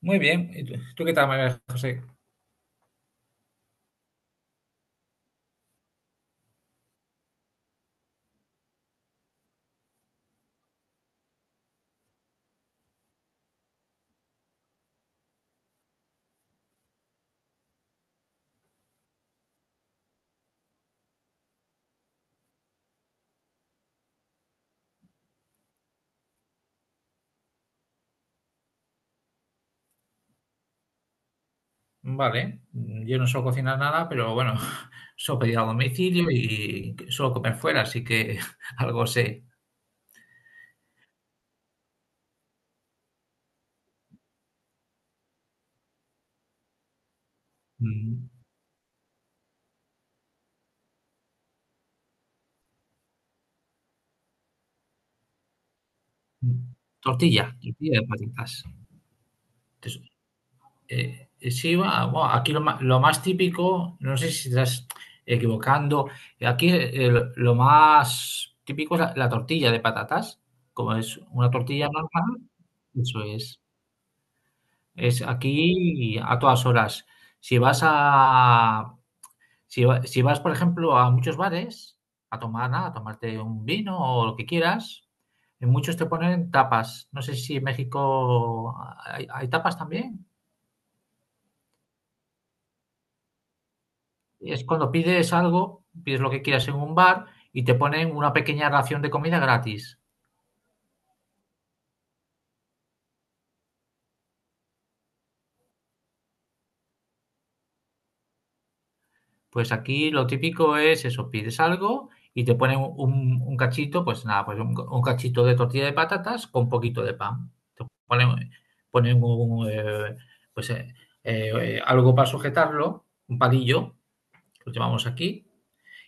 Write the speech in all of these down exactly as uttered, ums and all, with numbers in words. Muy bien. ¿Y tú, tú qué tal, María José? Vale, yo no suelo cocinar nada, pero bueno, suelo pedir a domicilio y suelo comer fuera, así que algo sé. Mm, mm. Tortilla, tortilla de patatas. Entonces, eh, eh, sí, va- bueno, aquí lo más, lo más típico, no sé si estás equivocando, aquí eh, lo lo más típico es la, la tortilla de patatas, como es una tortilla normal, eso es. Es aquí a todas horas. Si vas a si va si vas, por ejemplo, a muchos bares a tomar nada, a tomarte un vino o lo que quieras, en muchos te ponen tapas. No sé si en México ¿hay hay tapas también. Es cuando pides algo, pides lo que quieras en un bar y te ponen una pequeña ración de comida gratis. Pues aquí lo típico es eso, pides algo y te ponen un, un cachito, pues nada, pues un, un cachito de tortilla de patatas con un poquito de pan. Te ponen, ponen un, eh, pues, eh, eh, eh, algo para sujetarlo, un palillo, que lo llamamos aquí,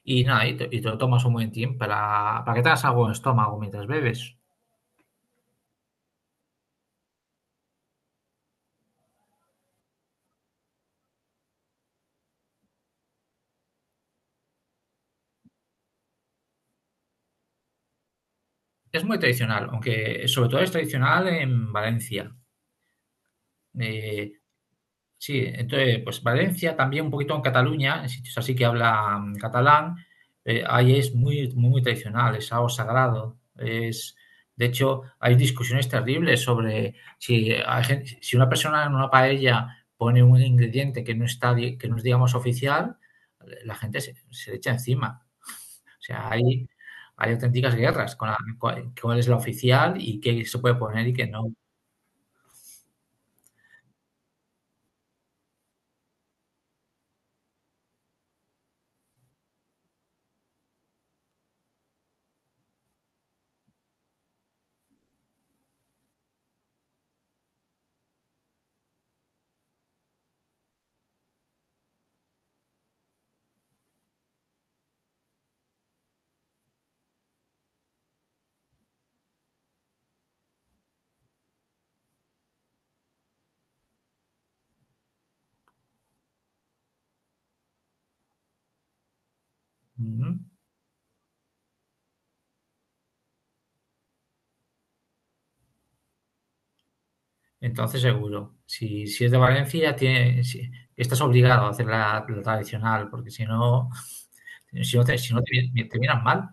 y nada, y te, y te lo tomas un momentín para, para que te hagas algo en el estómago mientras bebes. Es muy tradicional, aunque sobre todo es tradicional en Valencia. Eh, Sí, entonces, pues Valencia, también un poquito en Cataluña, en sitios así que hablan catalán, eh, ahí es muy, muy, muy tradicional, es algo sagrado. Es, de hecho, hay discusiones terribles sobre si, hay gen- si una persona en una paella pone un ingrediente que no está, di- que no es, digamos, oficial, la gente se, se le echa encima. O sea, hay, hay auténticas guerras con la- cuál cuál es la oficial y qué se puede poner y qué no. Ujú. Entonces seguro, si, si es de Valencia, tiene, si- estás obligado a hacer la, la tradicional, porque si no, si no te, si no te, vi- te miran mal.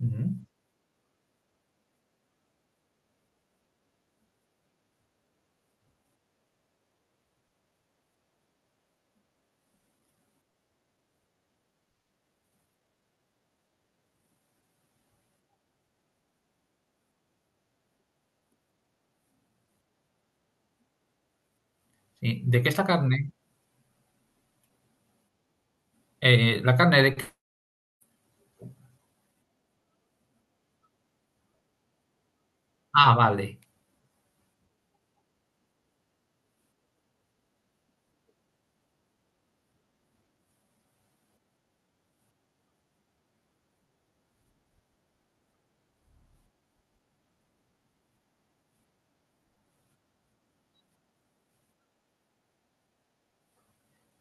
Mm. Sí. ¿De qué es la carne? Eh, la carne de... Ah, vale.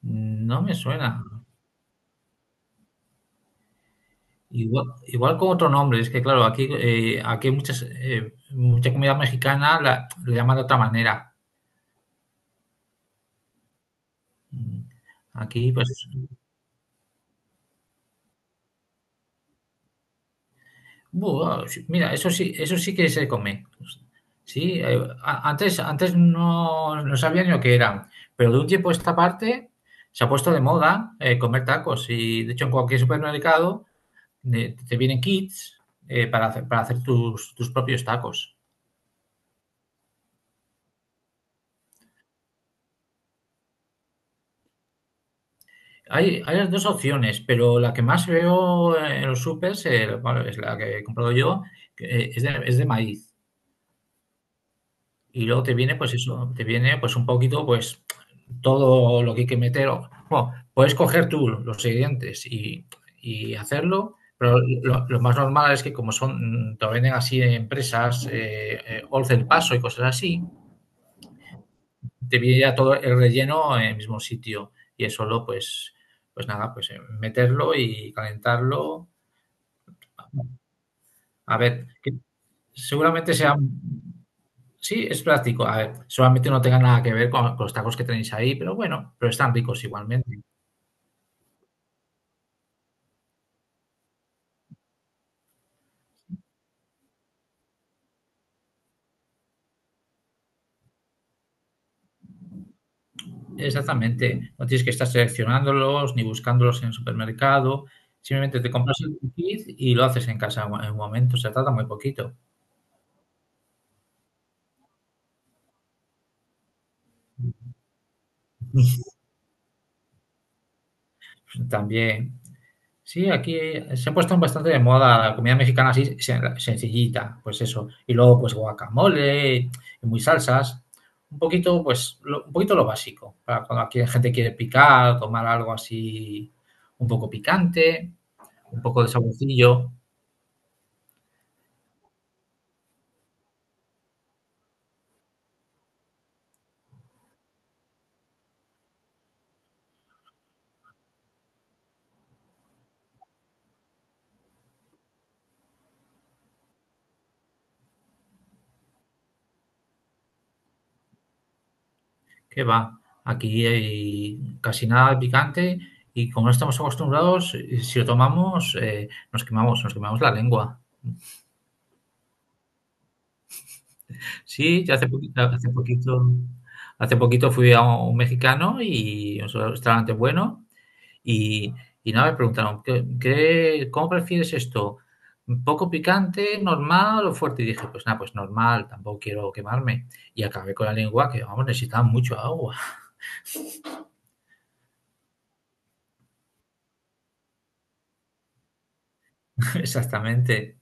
No me suena. Igual, igual con otro nombre, es que claro, aquí, eh, aquí hay muchas, eh, mucha comida mexicana la, le llaman de otra manera. Mm. Aquí, pues, buah, sí, mira, eso sí, eso sí que se come. Sí, eh, a- antes, antes no, no sabía ni lo que eran, pero de un tiempo a esta parte se ha puesto de moda eh, comer tacos y de hecho en cualquier supermercado eh, te vienen kits eh, para hacer, para hacer tus, tus propios tacos. Hay, hay las dos opciones, pero la que más veo en los supers, eh, bueno, es la que he comprado yo, que, eh, es de, es de maíz. Y luego te viene, pues eso, te viene pues un poquito, pues todo lo que hay que meter. o- Bueno, puedes coger tú los ingredientes y, y hacerlo, pero lo, lo más normal es que como son, mm, te lo venden así en empresas, eh, eh, once el paso y cosas así, te viene ya todo el relleno en el mismo sitio. Y es solo, pues, pues nada, pues eh, meterlo y calentarlo. A ver, que seguramente sea sí, es práctico. A ver, solamente no tenga nada que ver con, con los tacos que tenéis ahí, pero bueno, pero están ricos igualmente. Exactamente. No tienes que estar seleccionándolos ni buscándolos en el supermercado. Simplemente te compras el kit y lo haces en casa en un momento. Se trata muy poquito. También sí, aquí se ha puesto bastante de moda la comida mexicana así sen- sencillita, pues eso. Y luego pues guacamole y muy salsas. Un poquito, pues, lo, un poquito lo básico, para cuando aquí la gente quiere picar, tomar algo así un poco picante, un poco de saborcillo, que va. Aquí hay casi nada de picante y como no estamos acostumbrados, eh, si lo tomamos, eh, nos quemamos, nos quemamos la lengua. Sí, ya hace poquito, hace poquito, hace poquito fui a un mexicano y un restaurante bueno y, y nada, me preguntaron: ¿qué, qué- cómo prefieres esto? ¿Poco picante, normal o fuerte? Y dije, pues nada, pues normal, tampoco quiero quemarme. Y acabé con la lengua que, vamos, necesitaba mucho agua. Exactamente.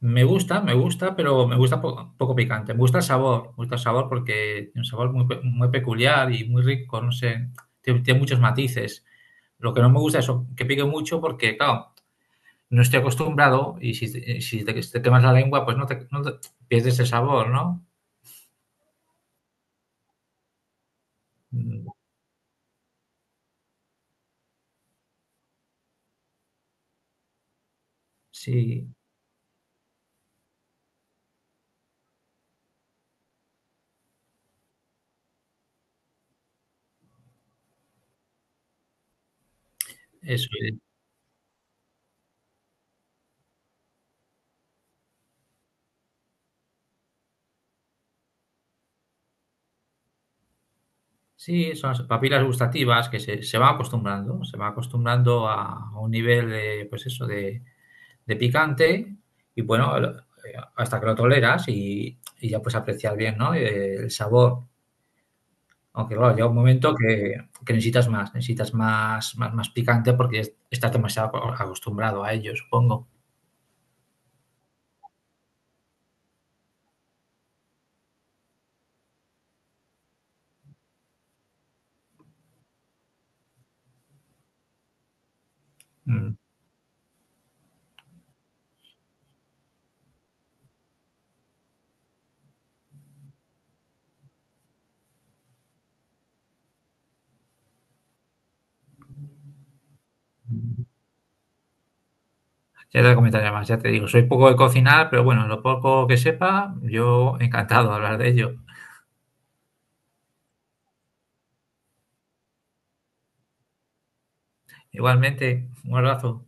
Me gusta, me gusta, pero me gusta po- poco picante. Me gusta el sabor, me gusta el sabor porque tiene un sabor muy, pe- muy peculiar y muy rico, no sé, tiene tiene muchos matices. Lo que no me gusta es que pique mucho porque, claro, no estoy acostumbrado y si, te- si te, si te quemas la lengua, pues no te, no te- pierdes el sabor, ¿no? Mm, sí, eso es. Sí, son las papilas gustativas que se, se van acostumbrando, se van acostumbrando a, a un nivel de, pues eso, de, de picante y bueno, el- eh, hasta que lo toleras y, y ya puedes apreciar bien, ¿no? Eh, El sabor. Aunque claro, llega un momento que, que necesitas más, necesitas más, más, más picante porque es- estás demasiado acostumbrado a ello, supongo. Mm, mm. Ya te comentaré más, ya te digo, soy poco de cocinar, pero bueno, lo poco que sepa, yo encantado de hablar de ello. Igualmente, un abrazo.